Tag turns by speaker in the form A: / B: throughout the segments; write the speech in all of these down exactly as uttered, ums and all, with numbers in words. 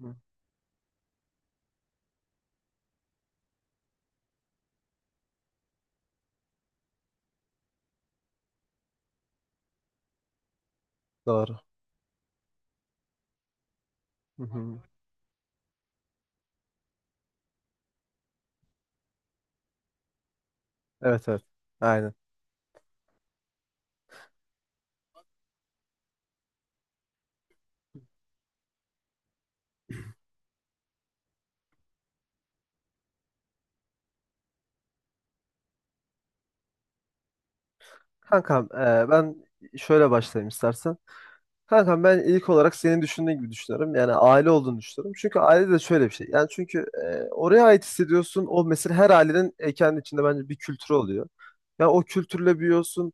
A: Hı. Doğru. Hı hı. Evet, evet. Aynen. Kankam e, ben şöyle başlayayım istersen. Kankam ben ilk olarak senin düşündüğün gibi düşünüyorum. Yani aile olduğunu düşünüyorum. Çünkü aile de şöyle bir şey. Yani çünkü e, oraya ait hissediyorsun. O mesela her ailenin e, kendi içinde bence bir kültürü oluyor. Ya o kültürle büyüyorsun.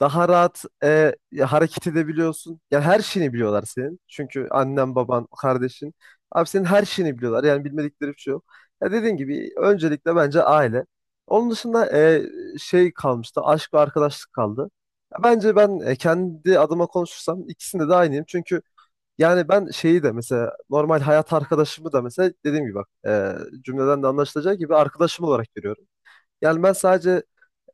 A: Daha rahat e, hareket edebiliyorsun. Yani her şeyini biliyorlar senin. Çünkü annen, baban, kardeşin. Abi senin her şeyini biliyorlar. Yani bilmedikleri bir şey yok. Ya dediğin gibi öncelikle bence aile. Onun dışında e, şey kalmıştı. Aşk ve arkadaşlık kaldı. Ya bence ben e, kendi adıma konuşursam ikisinde de aynıyım. Çünkü yani ben şeyi de mesela normal hayat arkadaşımı da mesela dediğim gibi bak e, cümleden de anlaşılacağı gibi arkadaşım olarak görüyorum. Yani ben sadece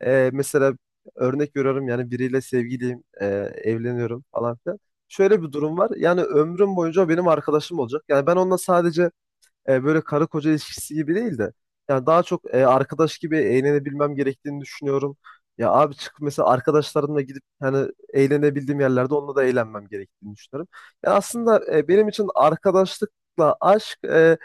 A: e, mesela örnek veriyorum yani biriyle sevgiliyim, e, evleniyorum falan filan. Şöyle bir durum var. Yani ömrüm boyunca o benim arkadaşım olacak. Yani ben onunla sadece e, böyle karı koca ilişkisi gibi değil de yani daha çok e, arkadaş gibi eğlenebilmem gerektiğini düşünüyorum. Ya abi çık mesela arkadaşlarımla gidip hani eğlenebildiğim yerlerde onunla da eğlenmem gerektiğini düşünüyorum. Yani aslında e, benim için arkadaşlıkla aşk e,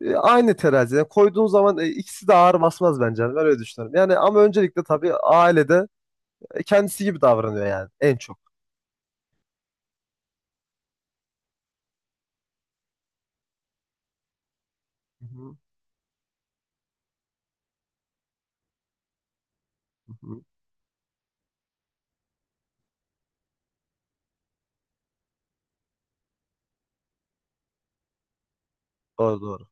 A: e, Aynı teraziye koyduğun zaman e, ikisi de ağır basmaz bence. Yani ben öyle düşünüyorum. Yani ama öncelikle tabii ailede e, kendisi gibi davranıyor yani en çok. Hı hı. Hı hı. Doğru, doğru.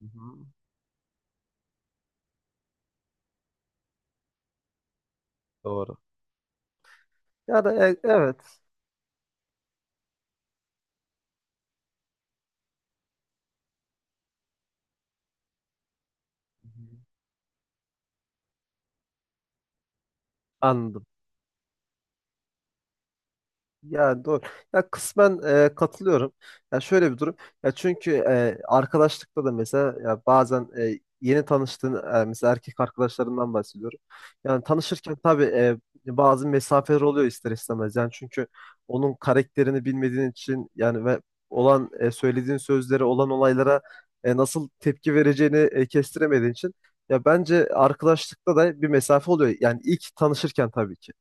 A: Hı hı. Doğru. Ya da e, evet. Hı hı. Anladım. Yani doğru. Ya kısmen e, katılıyorum. Ya şöyle bir durum. Ya çünkü e, arkadaşlıkta da mesela ya bazen e, yeni tanıştığın e, mesela erkek arkadaşlarından bahsediyorum. Yani tanışırken tabii e, bazı mesafeler oluyor ister istemez. Yani çünkü onun karakterini bilmediğin için yani ve olan e, söylediğin sözleri olan olaylara e, nasıl tepki vereceğini e, kestiremediğin için ya bence arkadaşlıkta da bir mesafe oluyor. Yani ilk tanışırken tabii ki.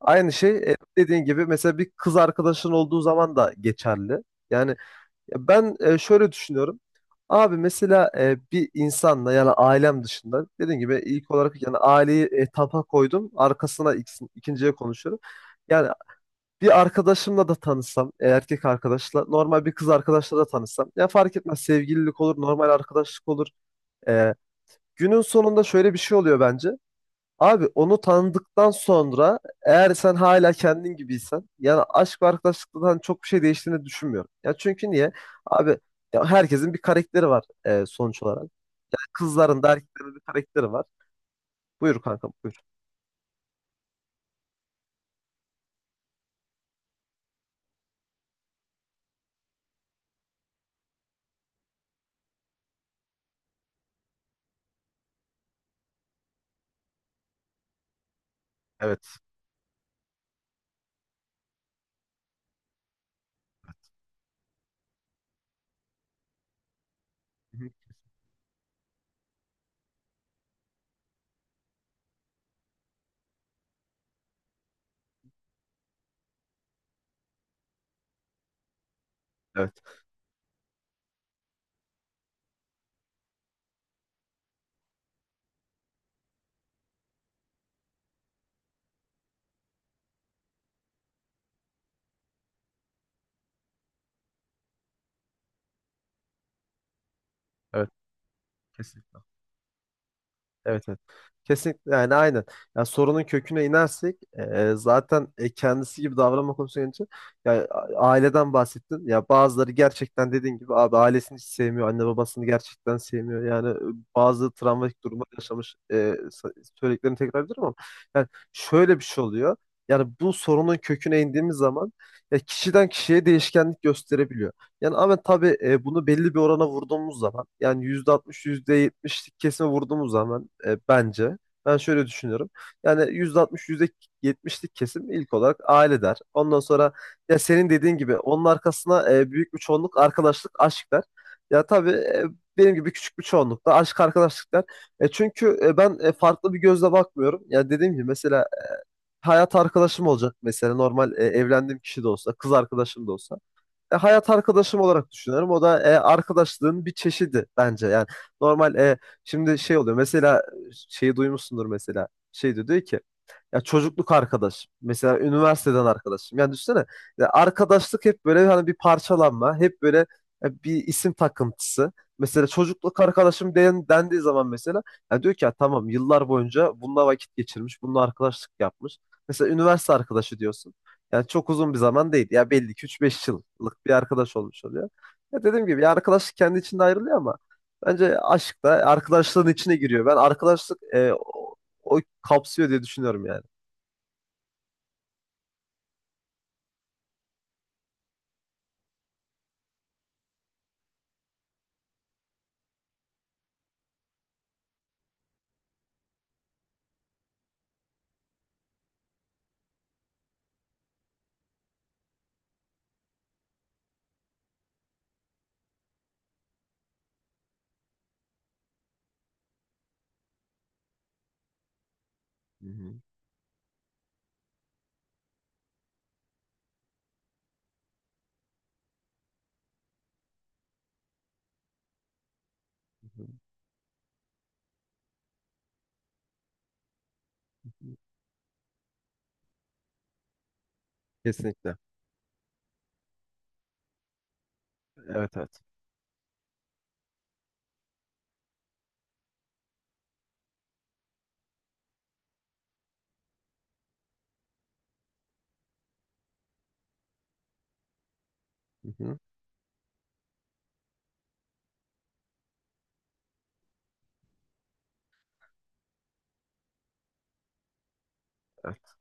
A: Aynı şey e, dediğin gibi mesela bir kız arkadaşın olduğu zaman da geçerli. Yani ya ben e, şöyle düşünüyorum. Abi mesela e, bir insanla yani ailem dışında dediğim gibi ilk olarak yani aileyi e, tapa koydum. Arkasına ikisi- ikinciye konuşuyorum. Yani bir arkadaşımla da tanışsam, e, erkek arkadaşla, normal bir kız arkadaşla da tanışsam. Ya fark etmez sevgililik olur, normal arkadaşlık olur. E, Günün sonunda şöyle bir şey oluyor bence. Abi onu tanıdıktan sonra eğer sen hala kendin gibiysen yani aşk ve arkadaşlıktan hani çok bir şey değiştiğini düşünmüyorum. Ya çünkü niye? Abi ya herkesin bir karakteri var e, sonuç olarak. Kızların da erkeklerin de bir karakteri var. Buyur kankam buyur. Evet. Hı hı. Evet. Evet. Kesin. Evet, evet. Kesinlikle yani aynen. Ya sorunun köküne inersek e, zaten e, kendisi gibi davranma konusuna gelince ya a- aileden bahsettin. Ya bazıları gerçekten dediğin gibi abi ailesini hiç sevmiyor, anne babasını gerçekten sevmiyor. Yani e, bazı travmatik durumlar yaşamış e, sa- söylediklerini tekrar ediyorum ama yani şöyle bir şey oluyor. Yani bu sorunun köküne indiğimiz zaman ya kişiden kişiye değişkenlik gösterebiliyor. Yani ama tabii e, bunu belli bir orana vurduğumuz zaman yani yüzde altmış yüzde yetmişlik kesime vurduğumuz zaman e, bence ben şöyle düşünüyorum. Yani yüzde altmış yüzde yetmişlik kesim ilk olarak aile der. Ondan sonra ya senin dediğin gibi onun arkasına e, büyük bir çoğunluk arkadaşlık aşk der. Ya tabii e, benim gibi küçük bir çoğunluk da aşk arkadaşlık der. E, çünkü e, ben e, farklı bir gözle bakmıyorum. Ya dediğim gibi mesela hayat arkadaşım olacak mesela normal e, evlendiğim kişi de olsa kız arkadaşım da olsa e, hayat arkadaşım olarak düşünüyorum. O da e, arkadaşlığın bir çeşidi bence. Yani normal e, şimdi şey oluyor. Mesela e, şeyi duymuşsundur mesela. Şey diyor, diyor ki ya çocukluk arkadaş. Mesela üniversiteden arkadaşım. Yani düşünsene ya arkadaşlık hep böyle hani bir parçalanma, hep böyle e, bir isim takıntısı. Mesela çocukluk arkadaşım den, dendiği zaman mesela ya diyor ki ya tamam yıllar boyunca bununla vakit geçirmiş, bununla arkadaşlık yapmış. Mesela üniversite arkadaşı diyorsun. Yani çok uzun bir zaman değil. Ya belli ki üç beş yıllık bir arkadaş olmuş oluyor. Ya dediğim gibi ya arkadaşlık kendi içinde ayrılıyor ama bence aşk da arkadaşlığın içine giriyor. Ben arkadaşlık e, o, o kapsıyor diye düşünüyorum yani. Hı hı. Hı hı. Kesinlikle. Evet, evet. Hı hı. Evet.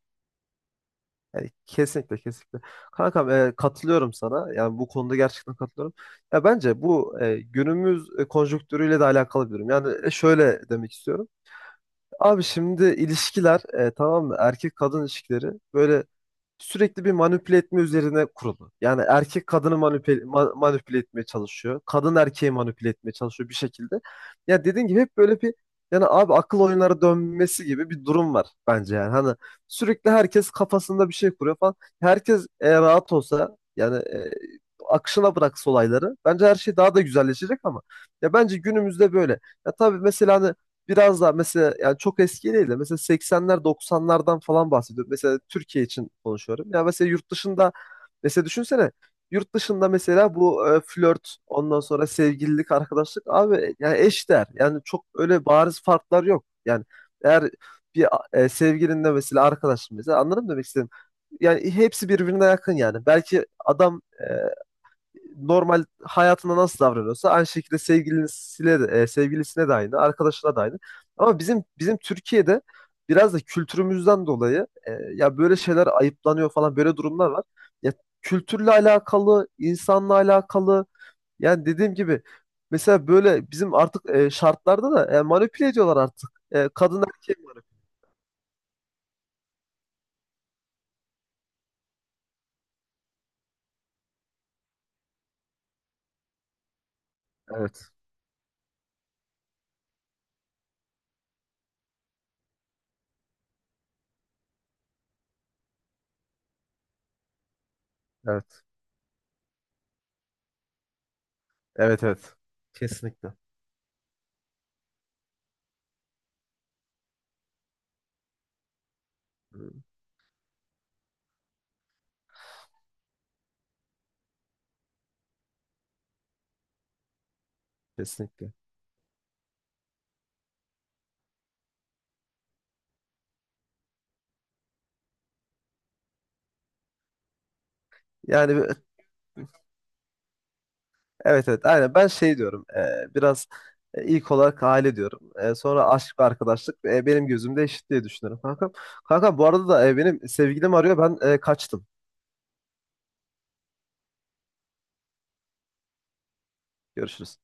A: Yani kesinlikle, kesinlikle. Kankam e, katılıyorum sana. Yani bu konuda gerçekten katılıyorum. Ya bence bu e, günümüz e, konjonktürüyle de alakalı bir durum. Yani e, şöyle demek istiyorum. Abi şimdi ilişkiler e, tamam mı? Erkek kadın ilişkileri böyle sürekli bir manipüle etme üzerine kurulu. Yani erkek kadını manipüle, ma- manipüle etmeye çalışıyor. Kadın erkeği manipüle etmeye çalışıyor bir şekilde. Ya dediğin gibi hep böyle bir yani abi akıl oyunları dönmesi gibi bir durum var bence yani. Hani sürekli herkes kafasında bir şey kuruyor falan. Herkes e, rahat olsa yani e, akışına bıraksa olayları bence her şey daha da güzelleşecek ama ya bence günümüzde böyle. Ya tabii mesela hani biraz daha mesela yani çok eski değil de mesela seksenler doksanlardan falan bahsediyorum. Mesela Türkiye için konuşuyorum. Ya mesela yurt dışında mesela düşünsene yurt dışında mesela bu e, flört ondan sonra sevgililik arkadaşlık abi yani eşdeğer. Yani çok öyle bariz farklar yok. Yani eğer bir e, sevgilinle mesela arkadaşın mesela anladın mı demek istedim. Yani hepsi birbirine yakın yani. Belki adam e, normal hayatında nasıl davranıyorsa aynı şekilde sevgilisiyle, de, e, sevgilisine de aynı, arkadaşına da aynı. Ama bizim bizim Türkiye'de biraz da kültürümüzden dolayı e, ya böyle şeyler ayıplanıyor falan böyle durumlar var. Ya kültürle alakalı, insanla alakalı yani dediğim gibi mesela böyle bizim artık e, şartlarda da e, manipüle ediyorlar artık. E, kadın erkeği manipüle. Evet, evet. Evet, evet. Kesinlikle. Hı. Kesinlikle. Yani Evet, evet, aynen, ben şey diyorum e, biraz e, ilk olarak aile diyorum. E, sonra aşk ve arkadaşlık e, benim gözümde eşit diye düşünüyorum kankam. Kankam bu arada da e, benim sevgilim arıyor ben e, kaçtım. Görüşürüz.